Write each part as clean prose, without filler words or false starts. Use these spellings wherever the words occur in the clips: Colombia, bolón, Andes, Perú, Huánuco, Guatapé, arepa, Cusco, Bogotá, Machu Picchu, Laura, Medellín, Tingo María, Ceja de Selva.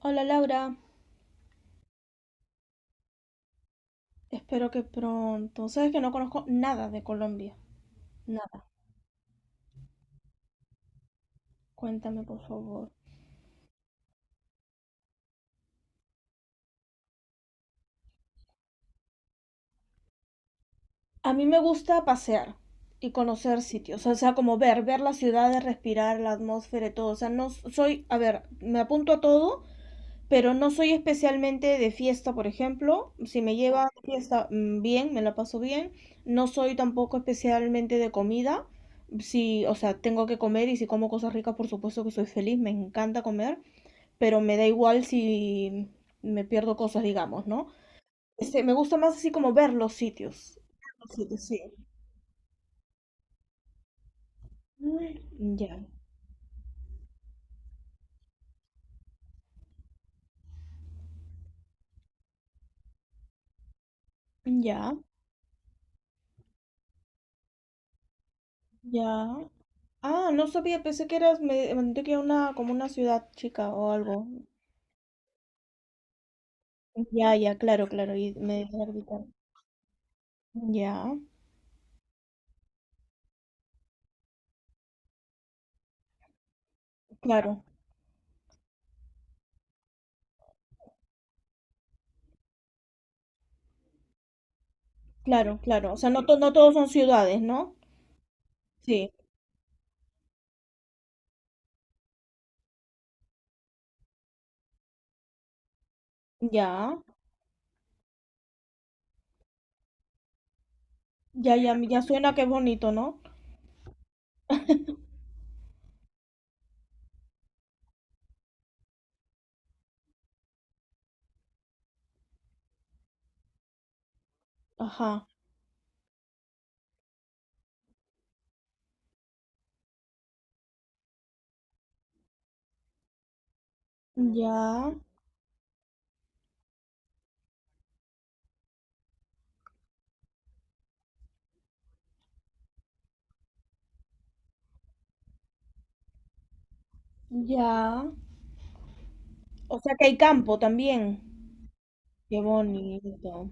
Hola Laura, espero que pronto. Sabes que no conozco nada de Colombia, nada. Cuéntame por favor. A mí me gusta pasear y conocer sitios, o sea, como ver las ciudades, respirar la atmósfera y todo. O sea, no soy, a ver, me apunto a todo, pero no soy especialmente de fiesta, por ejemplo. Si me lleva a fiesta, bien, me la paso bien. No soy tampoco especialmente de comida. Si, o sea, tengo que comer y si como cosas ricas, por supuesto que soy feliz, me encanta comer, pero me da igual si me pierdo cosas, digamos, ¿no? Me gusta más así como ver los sitios. Los sitios, sí. Ya, ya, ya. Ah, no sabía, pensé que eras, me mandé que una, como una ciudad chica o algo. Ya, ya, claro, claro, y me dejé arbitrar. Ya, claro, claro, claro. O sea, no, no todos son ciudades, ¿no? Sí, ya, ya, ya, ya suena que es bonito, ¿no? Ajá, ya, ya. O sea que hay campo también. Qué bonito.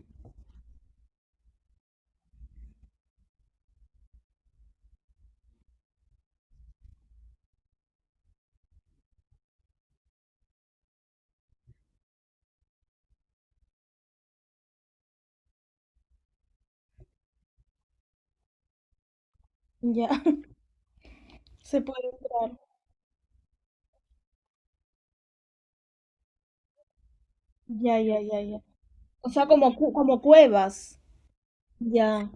Ya, se puede entrar. Ya, ya, ya, ya. O sea, como, como cuevas. Ya,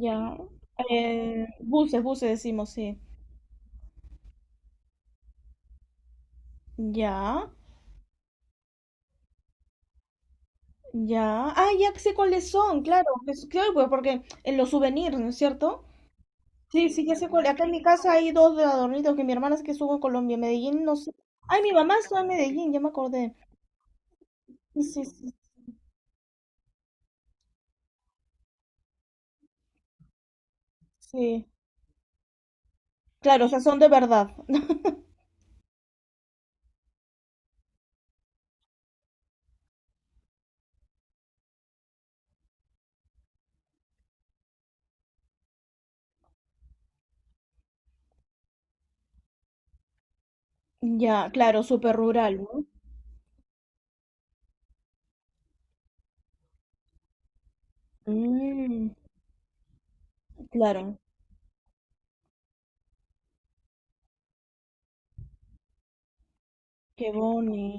ya. Buses, buses decimos, sí. Ya, ya. Ah, ya sé cuáles son, claro. Claro, pues porque en los souvenirs, ¿no es cierto? Sí, sí, ya sé cuál. Acá en mi casa hay dos de adornitos que mi hermana es que estuvo en Colombia, en Medellín, no sé. Ay, mi mamá estuvo en Medellín, ya me acordé. Sí, sí, sí. Sí. Claro, o sea, son de verdad. Ya, claro, súper rural, ¿no? Mm, claro, qué bonito.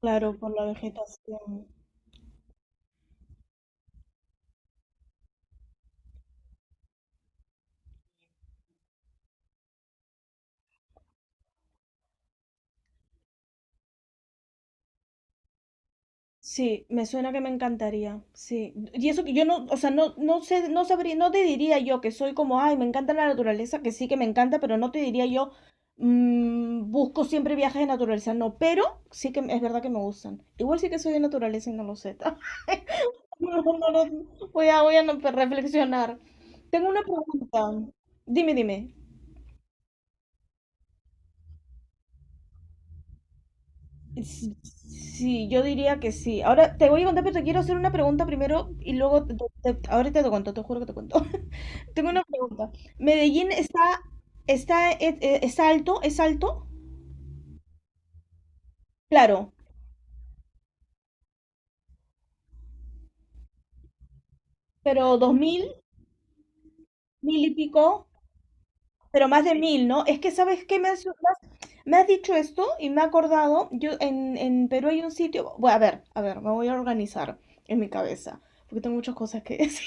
Claro, por la vegetación. Sí, me suena que me encantaría. Sí, y eso que yo no, o sea, no, no sé, no sabría, no te diría yo que soy como, ay, me encanta la naturaleza, que sí que me encanta, pero no te diría yo, busco siempre viajes de naturaleza, no, pero sí que es verdad que me gustan. Igual sí que soy de naturaleza y no lo sé. No, no, no, voy a reflexionar. Tengo una pregunta. Dime, dime. S- Sí, yo diría que sí. Ahora te voy a contar, pero te quiero hacer una pregunta primero y luego te, ahorita te cuento, te juro que te cuento. Tengo una pregunta. ¿Medellín es alto? ¿Es alto? Claro, pero 2000, mil y pico, pero más de mil, ¿no? Es que, ¿sabes qué? Me has dicho esto y me he acordado, yo en, Perú hay un sitio, bueno, a ver, me voy a organizar en mi cabeza, porque tengo muchas cosas que decir.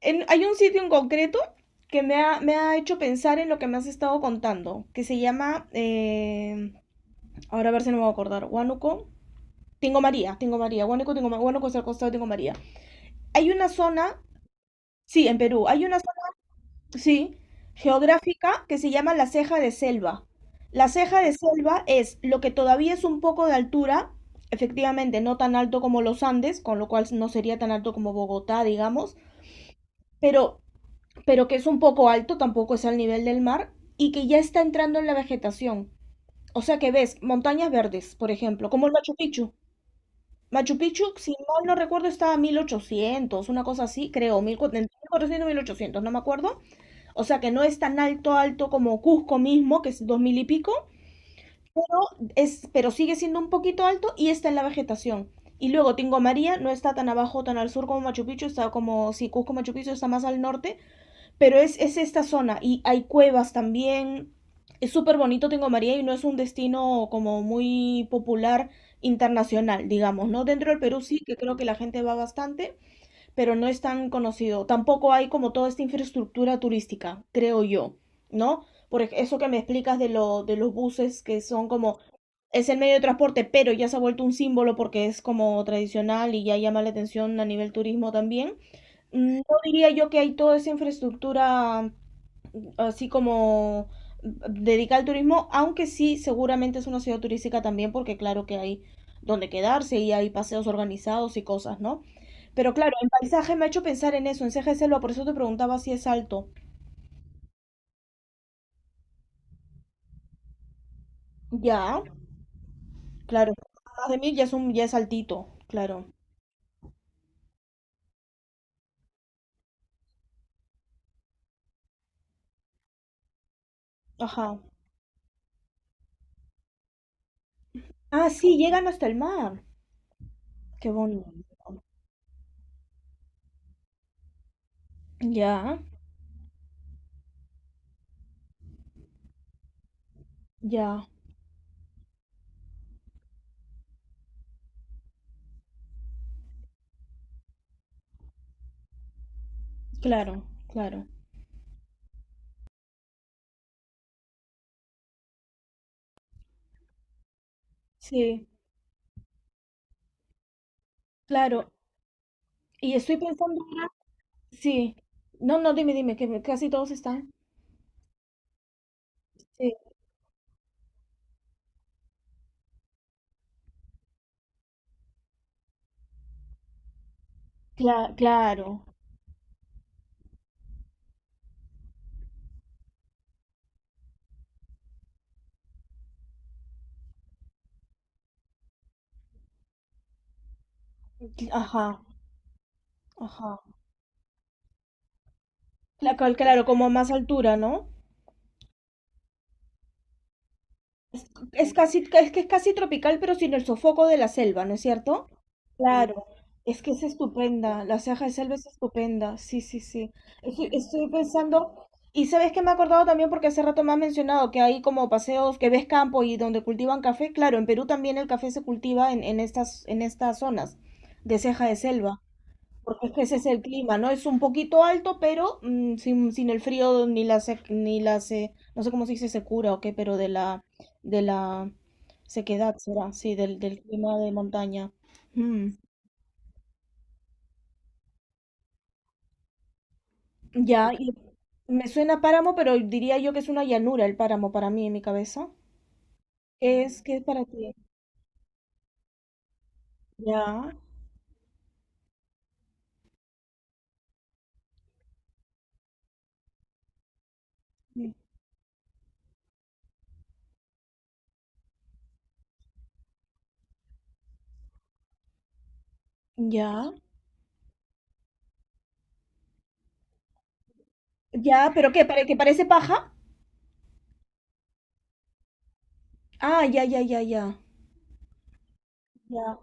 Hay un sitio en concreto que me ha hecho pensar en lo que me has estado contando, que se llama, ahora a ver si no me voy a acordar, Huánuco, Tingo María, Tingo María, Huánuco, Tingo María. Huánuco es al costado de Tingo María. Hay una zona, sí, en Perú, hay una zona, sí, geográfica que se llama la ceja de selva. La ceja de selva es lo que todavía es un poco de altura, efectivamente no tan alto como los Andes, con lo cual no sería tan alto como Bogotá, digamos, pero pero que es un poco alto, tampoco es al nivel del mar, y que ya está entrando en la vegetación. O sea que ves montañas verdes, por ejemplo, como el Machu Picchu. Machu Picchu, si mal no recuerdo, estaba a 1800, una cosa así, creo, 1400, 1800, no me acuerdo. O sea que no es tan alto, alto como Cusco mismo, que es 2000 y pico, pero sigue siendo un poquito alto y está en la vegetación. Y luego Tingo María no está tan abajo, tan al sur como Machu Picchu, está como, si Cusco Machu Picchu está más al norte, pero es esta zona y hay cuevas también. Es súper bonito Tingo María y no es un destino como muy popular internacional, digamos, ¿no? Dentro del Perú sí, que creo que la gente va bastante, pero no es tan conocido. Tampoco hay como toda esta infraestructura turística, creo yo, ¿no? Eso que me explicas de, de los buses que son como, es el medio de transporte, pero ya se ha vuelto un símbolo porque es como tradicional y ya llama la atención a nivel turismo también. No diría yo que hay toda esa infraestructura así como mm, dedicada al turismo, aunque sí, seguramente es una ciudad turística también, porque claro que hay donde quedarse y hay paseos organizados y cosas, ¿no? Pero claro, el paisaje me ha hecho pensar en eso, en Ceja de Selva, por eso te preguntaba si es alto. Ya, claro, más de mil ya es altito, claro. Ajá. Ah, sí, llegan hasta el mar. Qué bonito. Ya, ya, claro, claro. Sí, claro. Y estoy pensando ahora, sí. No, no, dime, dime, que casi todos están. Sí, claro. Ajá, ajá. Claro, como a más altura, ¿no? Es, es que es casi tropical, pero sin el sofoco de la selva, ¿no es cierto? Claro, es que es estupenda, la ceja de selva es estupenda, sí, sí, sí. Estoy pensando, y sabes que me he acordado también porque hace rato me has mencionado que hay como paseos que ves campo y donde cultivan café, claro, en Perú también el café se cultiva en estas zonas de ceja de selva. Porque es que ese es el clima, ¿no? Es un poquito alto, pero sin el frío ni la sec- ni la se- no sé cómo se dice secura o qué, pero de la sequedad será, sí, del clima de montaña. Mm, ya, y me suena páramo, pero diría yo que es una llanura el páramo para mí en mi cabeza. ¿Qué es? ¿Qué es para ti? Ya, ya, ya, pero ¿qué? ¿Para que parece paja? Ah, ya, ya, ya, ya. Ya.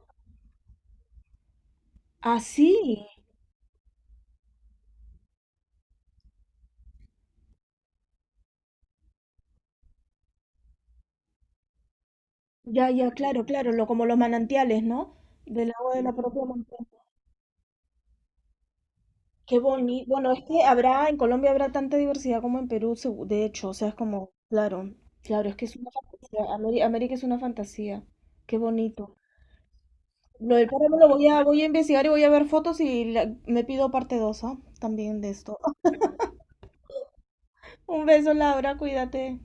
Ah, sí. Ya, ya, claro, claro, como los manantiales, ¿no? Del agua de la propia montaña. Qué bonito. Bueno, es que habrá, en Colombia habrá tanta diversidad como en Perú, de hecho, o sea, es como, claro, claro, es que es una fantasía. América es una fantasía. Qué bonito. Lo del páramo lo voy a investigar y voy a ver fotos y me pido parte 2, también de esto. Un beso, Laura, cuídate.